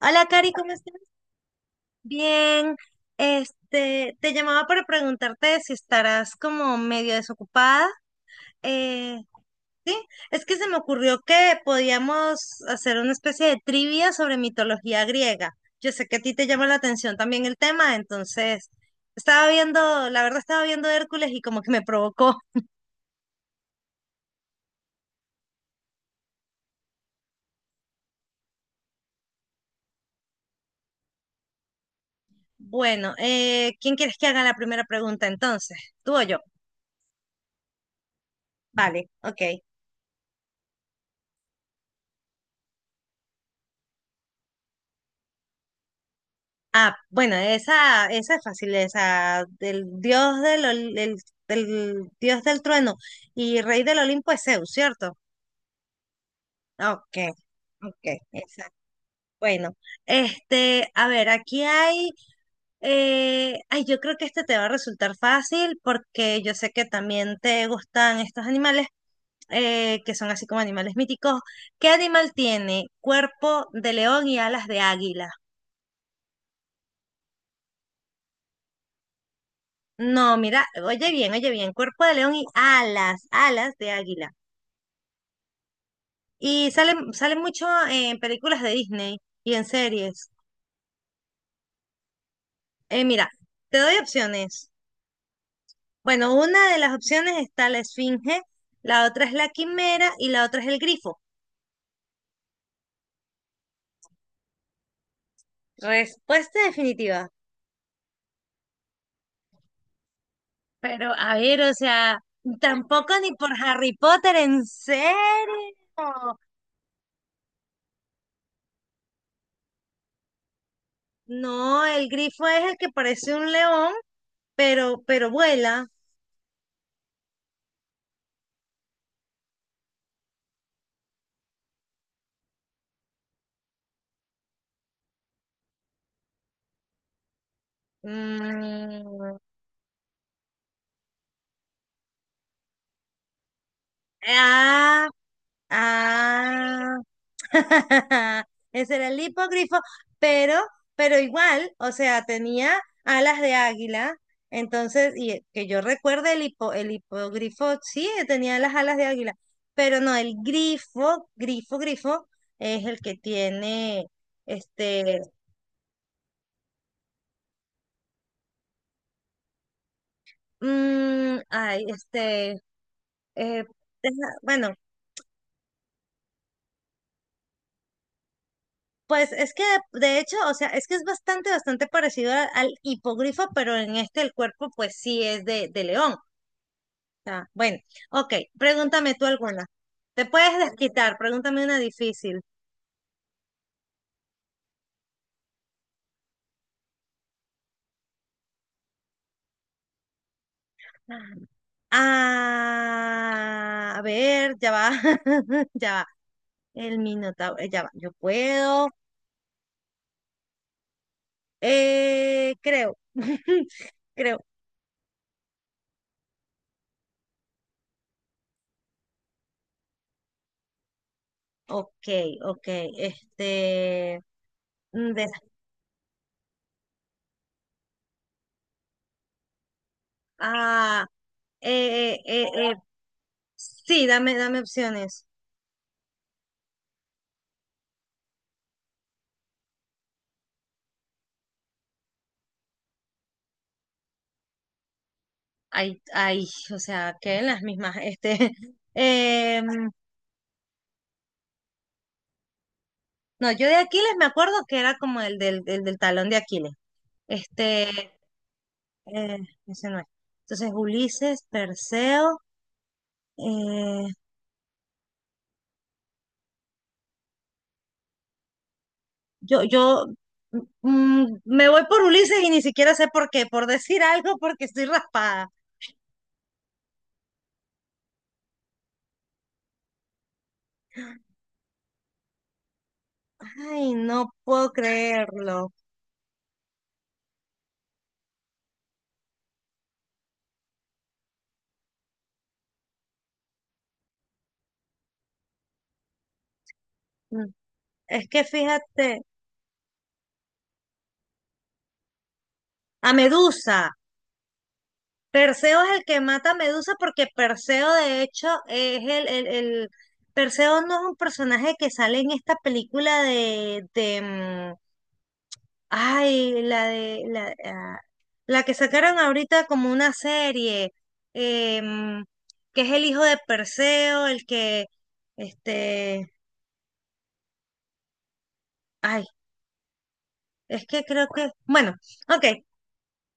Hola, Cari, ¿cómo estás? Bien. Te llamaba para preguntarte si estarás como medio desocupada. Eh, sí, es que se me ocurrió que podíamos hacer una especie de trivia sobre mitología griega. Yo sé que a ti te llama la atención también el tema, entonces estaba viendo, la verdad estaba viendo Hércules y como que me provocó. Bueno, ¿quién quieres que haga la primera pregunta entonces? ¿Tú o yo? Vale, ok. Ah, bueno, esa es fácil, esa del del, dios del trueno y rey del Olimpo es Zeus, ¿cierto? Ok, ok, exacto. Bueno, a ver, ay, yo creo que este te va a resultar fácil porque yo sé que también te gustan estos animales, que son así como animales míticos. ¿Qué animal tiene cuerpo de león y alas de águila? No, mira, oye bien, cuerpo de león y alas de águila. Y salen mucho en películas de Disney y en series. Mira, te doy opciones. Bueno, una de las opciones está la esfinge, la otra es la quimera y la otra es el grifo. Respuesta definitiva. Pero a ver, o sea, tampoco ni por Harry Potter, ¿en serio? No, el grifo es el que parece un león, pero vuela. Mm, ah, ah. Ese era el hipogrifo, pero, pero igual, o sea, tenía alas de águila. Entonces, y que yo recuerde el hipogrifo, sí, tenía las alas de águila, pero no, grifo, es el que tiene, este, mm, ay, este, eh, bueno, pues es que de hecho, o sea, es que es bastante parecido al hipogrifo, pero en este el cuerpo pues sí es de león. O sea, bueno, ok, pregúntame tú alguna. Te puedes desquitar, pregúntame una difícil. Ah, a ver, ya va, ya va. El minotauro, ya va, yo puedo. Creo, creo. Ok, ok, este... mm, de- ah, eh, eh, eh, sí, dame opciones. Ay, ay, o sea, queden las mismas. Em, no, yo de Aquiles me acuerdo que era como el del talón de Aquiles. Este, eh, Ese no es. Entonces, Ulises, Perseo, eh, yo me voy por Ulises y ni siquiera sé por qué, por decir algo, porque estoy raspada. Ay, no puedo creerlo. Mm, es que fíjate, a Medusa. Perseo es el que mata a Medusa porque Perseo de hecho el- Perseo no es un personaje que sale en esta película de la de la, ah, la que sacaron ahorita como una serie, eh, mm, que es el hijo de Perseo, el que este, ay, es que creo que, bueno, ok,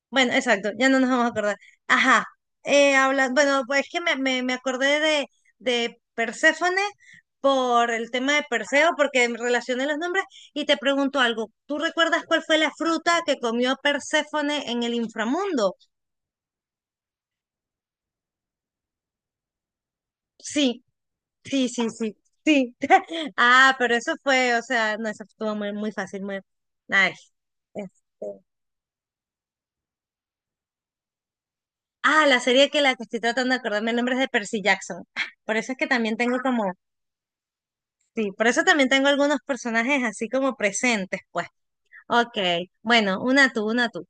bueno, exacto, ya no nos vamos a acordar. Ajá, bueno, pues es que me acordé de Perséfone por el tema de Perseo, porque relacioné los nombres y te pregunto algo. ¿Tú recuerdas cuál fue la fruta que comió Perséfone en el inframundo? Sí, sí, sí, sí, sí. Ah, pero eso fue, o sea, no, eso estuvo muy fácil, muy... Ay, este, ah, la serie que la que estoy tratando de acordarme el nombre es de Percy Jackson. Por eso es que también tengo como sí, por eso también tengo algunos personajes así como presentes, pues. Ok, bueno, una tú, una tú.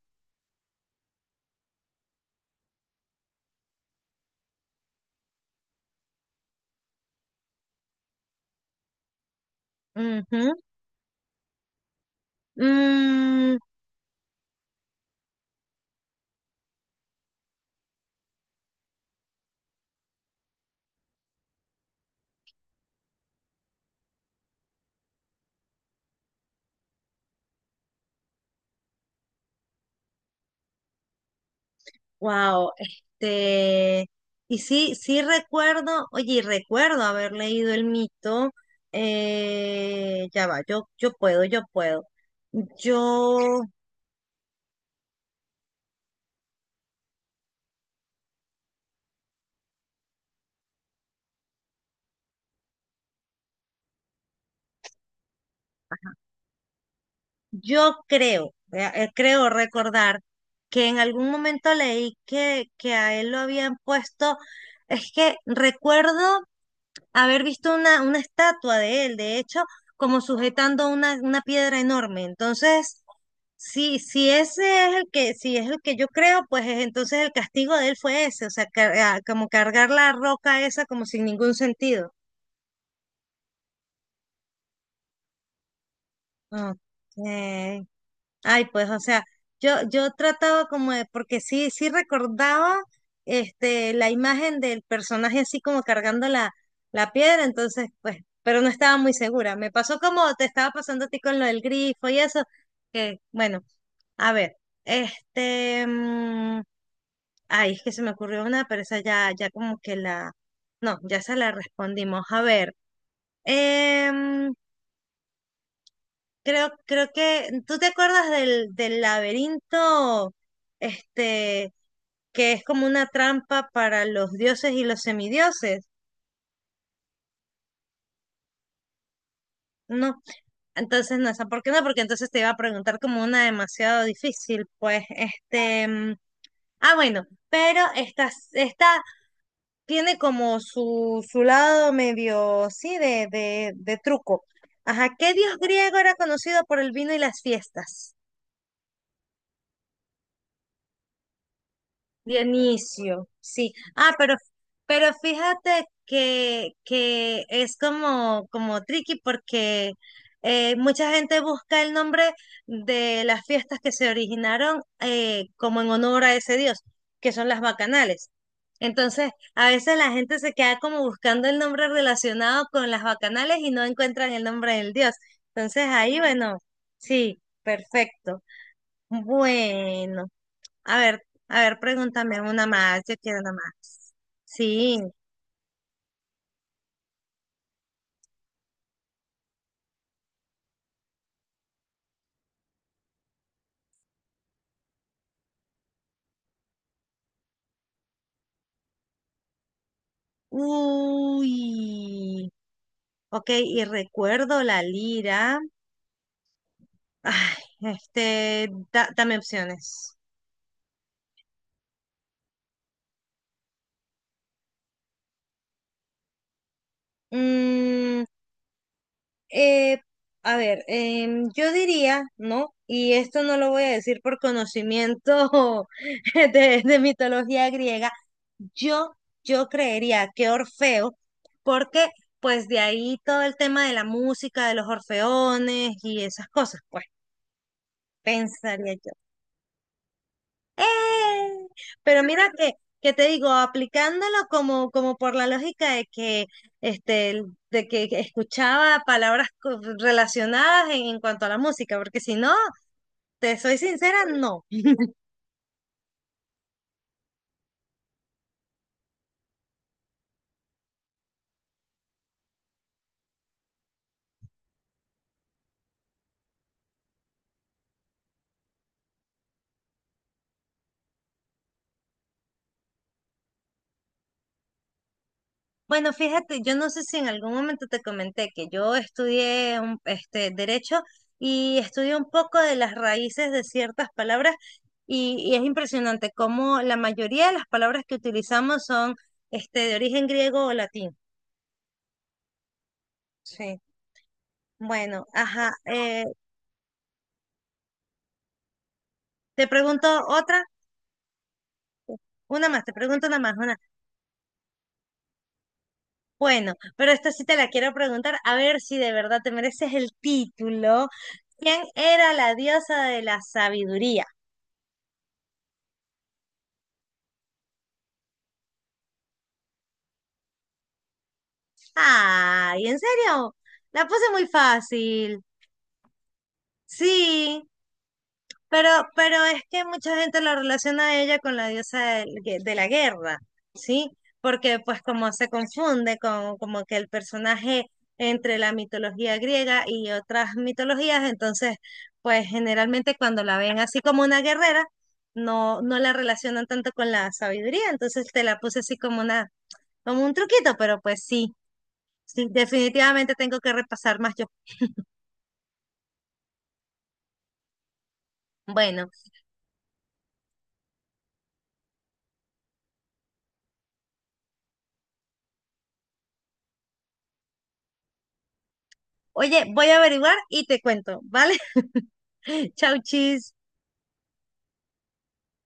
Ujú. Mm, wow, este... Y sí, sí recuerdo, oye, y recuerdo haber leído el mito. Ya va, yo puedo, yo puedo. Yo, yo creo, creo recordar que en algún momento leí que a él lo habían puesto, es que recuerdo haber visto una estatua de él, de hecho, como sujetando una piedra enorme. Entonces, si ese es el que, si es el que yo creo, entonces el castigo de él fue ese, o sea, como cargar la roca esa como sin ningún sentido. Ok. Ay, pues, o sea, yo trataba como de, porque sí, sí recordaba la imagen del personaje así como cargando la, la piedra, entonces, pues, pero no estaba muy segura. Me pasó como te estaba pasando a ti con lo del grifo y eso, que, bueno, a ver, este, mm, es que se me ocurrió una, pero esa ya, ya como que la, no, ya se la respondimos. A ver, em, creo, creo que tú te acuerdas del laberinto, este, que es como una trampa para los dioses y los semidioses. No, entonces no, esa, ¿por qué no? Porque entonces te iba a preguntar como una demasiado difícil, pues, ah, bueno, pero esta tiene como su lado medio, sí, de truco. Ajá, ¿qué dios griego era conocido por el vino y las fiestas? Dionisio, sí. Ah, pero fíjate que es como, como tricky porque mucha gente busca el nombre de las fiestas que se originaron como en honor a ese dios, que son las bacanales. Entonces, a veces la gente se queda como buscando el nombre relacionado con las bacanales y no encuentran el nombre del dios. Entonces, ahí, bueno, sí, perfecto. Bueno. A ver, pregúntame una más, yo quiero una más. Sí. Uy. Ok, y recuerdo la lira. Ay, este, dame opciones. Mm, eh, a ver, yo diría, ¿no? Y esto no lo voy a decir por conocimiento de mitología griega. Yo, yo creería que Orfeo, porque pues de ahí todo el tema de la música, de los orfeones y esas cosas, pues pensaría yo. ¡Eh! Pero mira que te digo, aplicándolo como, como por la lógica de que, este, de que escuchaba palabras relacionadas en cuanto a la música, porque si no, te soy sincera, no. Bueno, fíjate, yo no sé si en algún momento te comenté que yo estudié derecho y estudié un poco de las raíces de ciertas palabras y es impresionante cómo la mayoría de las palabras que utilizamos son de origen griego o latín. ¿Sí? Bueno, ajá. Te pregunto otra, una más, te pregunto una más, una. Bueno, pero esta sí te la quiero preguntar, a ver si de verdad te mereces el título. ¿Quién era la diosa de la sabiduría? Ay, ¿en serio? La puse muy fácil. Sí. Pero, pero es que mucha gente la relaciona a ella con la diosa de la guerra, ¿sí? Porque pues como se confunde con como que el personaje entre la mitología griega y otras mitologías, entonces pues generalmente cuando la ven así como una guerrera, no la relacionan tanto con la sabiduría, entonces te la puse así como una, como un truquito, pero pues sí, sí, definitivamente tengo que repasar más yo. Bueno. Oye, voy a averiguar y te cuento, ¿vale? Chau, chis.